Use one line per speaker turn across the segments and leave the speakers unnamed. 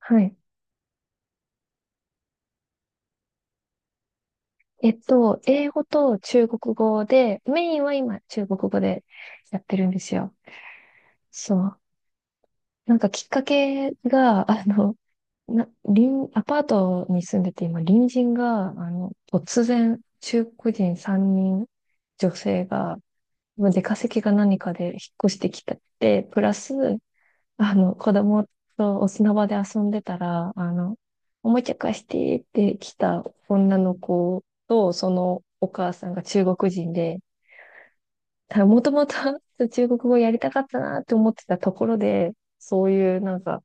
はい。英語と中国語で、メインは今中国語でやってるんですよ。そう。なんかきっかけが、隣、アパートに住んでて今、隣人が、突然、中国人3人、女性が、まあ出稼ぎが何かで引っ越してきたって、プラス、子供とお砂場で遊んでたら、おもちゃ貸してって来た女の子と、そのお母さんが中国人で、もともと 中国語やりたかったなって思ってたところで、そういうなんか、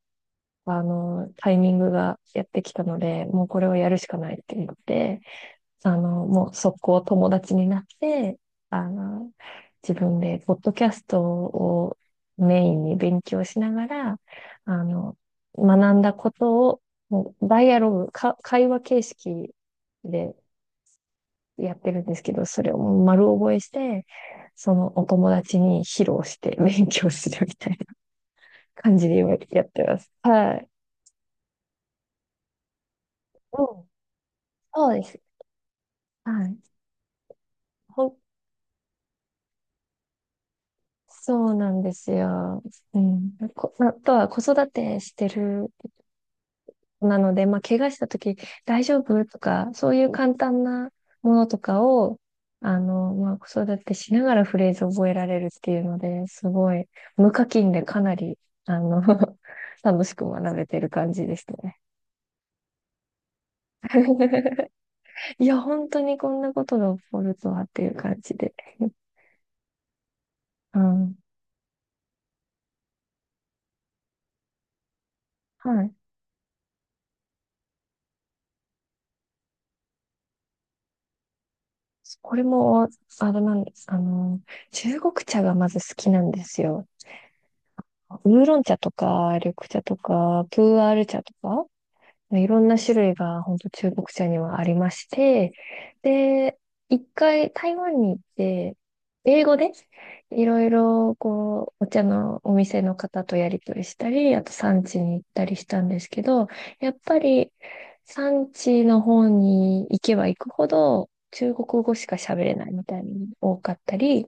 あの、タイミングがやってきたので、もうこれをやるしかないって言って、もう速攻友達になって、あの、自分でポッドキャストをメインに勉強しながら、あの、学んだことを、もうダイアログ、か、会話形式でやってるんですけど、それをもう丸覚えして、そのお友達に披露して勉強するみたいな感じで今やってます。はい。うん、そうです。はい。ほ、そうなんですよ。うん。まあとは子育てしてるなので、まあ、怪我したとき大丈夫とか、そういう簡単なものとかを、まあ、子育てしながらフレーズ覚えられるっていうので、すごい、無課金でかなり、あの、楽しく学べてる感じですね。いや、本当にこんなことが起こるとはっていう感じで。うん。はい。これも、あれなんです。中国茶がまず好きなんですよ。ウーロン茶とか、緑茶とか、プーアール茶とか。いろんな種類が本当中国茶にはありまして、で、一回台湾に行って、英語でいろいろこう、お茶のお店の方とやり取りしたり、あと産地に行ったりしたんですけど、やっぱり産地の方に行けば行くほど中国語しか喋れないみたいに多かったり、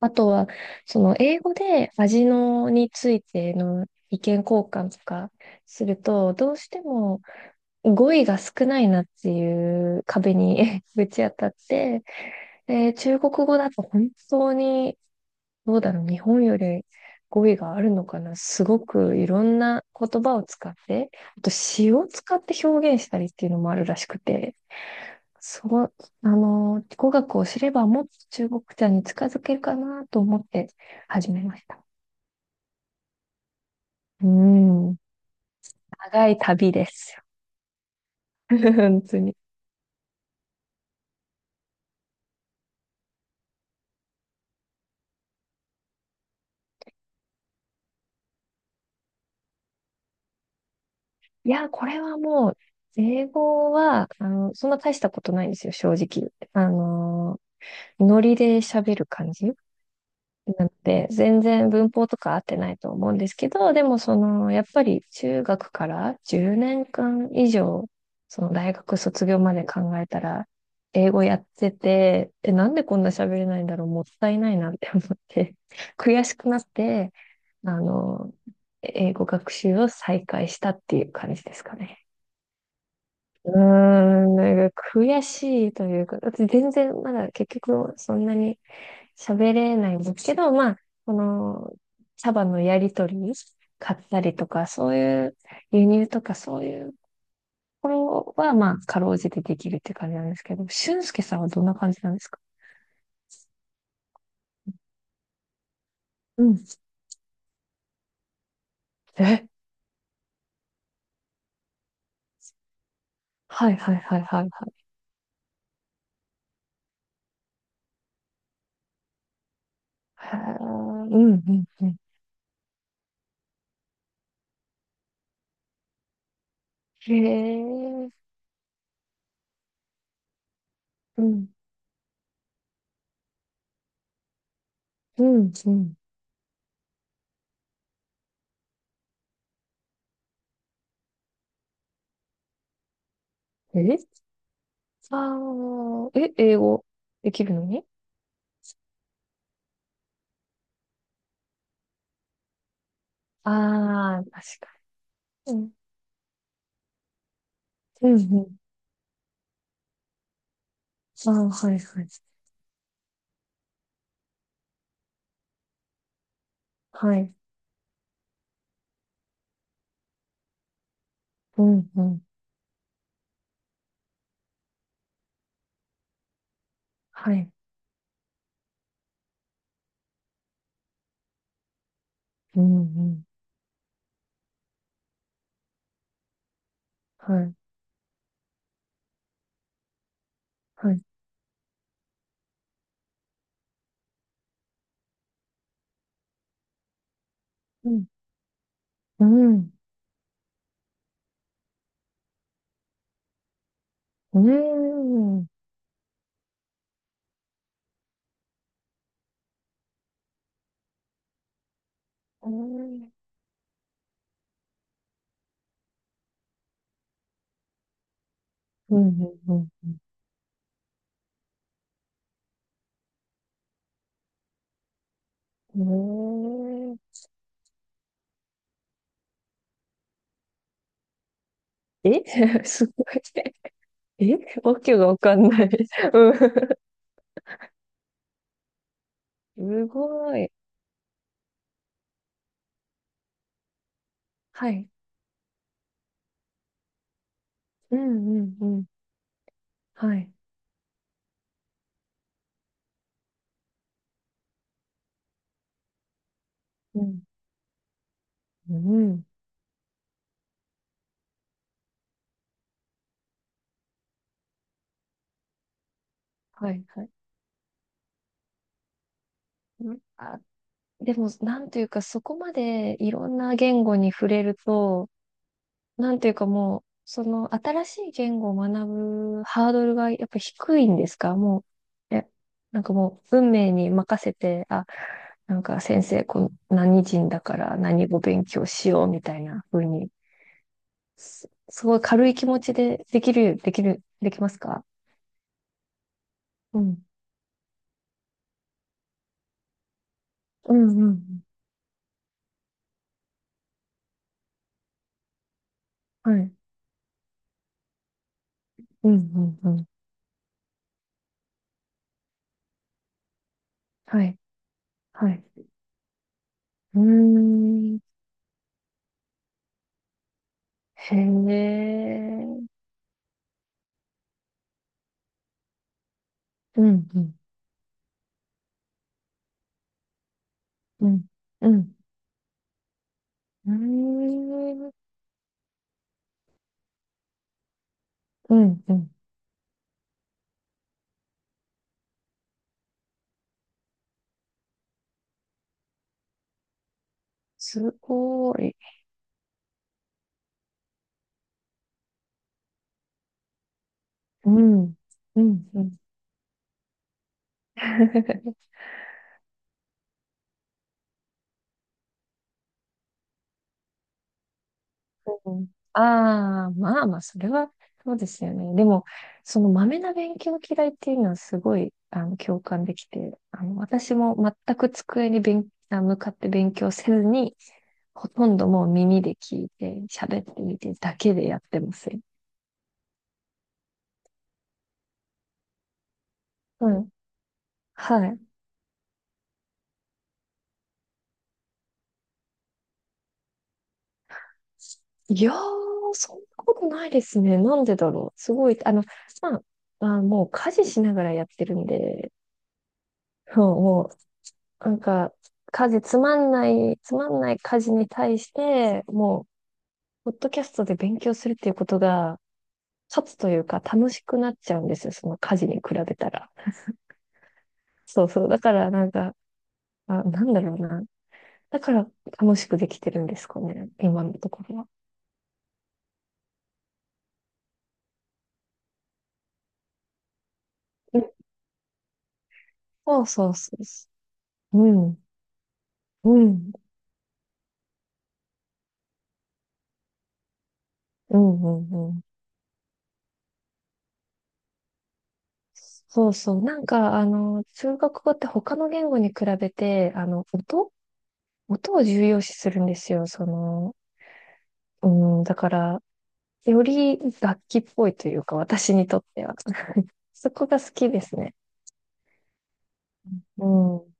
あとはその英語で味のについての意見交換とかすると、どうしても語彙が少ないなっていう壁に ぶち当たって、で、中国語だと本当に、どうだろう、日本より語彙があるのかな。すごくいろんな言葉を使って、あと詩を使って表現したりっていうのもあるらしくて、そう、語学を知ればもっと中国茶に近づけるかなと思って始めました。うん、長い旅ですよ。本当に。いや、これはもう、英語は、そんな大したことないんですよ、正直。ノリで喋る感じなので、全然文法とか合ってないと思うんですけど、でもその、やっぱり中学から10年間以上、その大学卒業まで考えたら、英語やってて、え、なんでこんな喋れないんだろう、もったいないなって思って、悔しくなって、あの、英語学習を再開したっていう感じですかね。うーん、なんか悔しいというか、だって全然まだ結局そんなに喋れないんですけど、まあ、この、茶葉のやりとり、買ったりとか、そういう輸入とかそういうころは、まあ、かろうじてできるって感じなんですけど、俊介さんはどんな感じなんですか？うん。え、はいはいはいはいはい。へーうんうんうん。へえ、うん、うん、うん。え、英語できるのに？ああ、確かに。うん、うん、うん。ああ、はい、はい。はい。うん、うん。はい。うん、うん。はい、はい。うん、うん。うん。うん。うん、うん、うん。うん。え、 すごい。えわけがわかんない。うん。すごい。はい。うん、うん、うん。はい。うん、うん。はい、はい。うん、あ、でも、なんというか、そこまでいろんな言語に触れると、なんていうかもう、その新しい言語を学ぶハードルがやっぱ低いんですか？もう、え、なんかもう運命に任せて、あ、なんか先生、こう何人だから何語勉強しようみたいな風に、すごい軽い気持ちでできる、できる、できますか？うん。うんうんうん。はい。うんうんうん。はい。はい。うーん。へえ。うんうん。うん。うん。うーん、うん、うん、すごい。うん、うん、うん。うん、ああ、まあまあ、それは、そうですよね。でも、その豆な勉強嫌いっていうのはすごい、共感できて、私も全く机に向かって勉強せずに、ほとんどもう耳で聞いて、喋ってみてだけでやってますよ。うん。はい。いやー、そんなことないですね。なんでだろう。すごい、まあ、まあ、もう家事しながらやってるんで、そうもう、なんか、家事つまんない、つまんない家事に対して、もう、ポッドキャストで勉強するっていうことが、勝つというか、楽しくなっちゃうんですよ。その家事に比べたら。そうそう。だから、なんか、あ、なんだろうな。だから、楽しくできてるんですかね。今のところは。うんそうそうそうそう。うん。うん。うんうんうんそうそう。なんか、中国語って他の言語に比べて、音を重要視するんですよ。その、うん、だから、より楽器っぽいというか、私にとっては。そこが好きですね。うん。うん、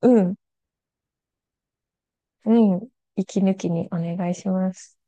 うん、うん。息抜きにお願いします。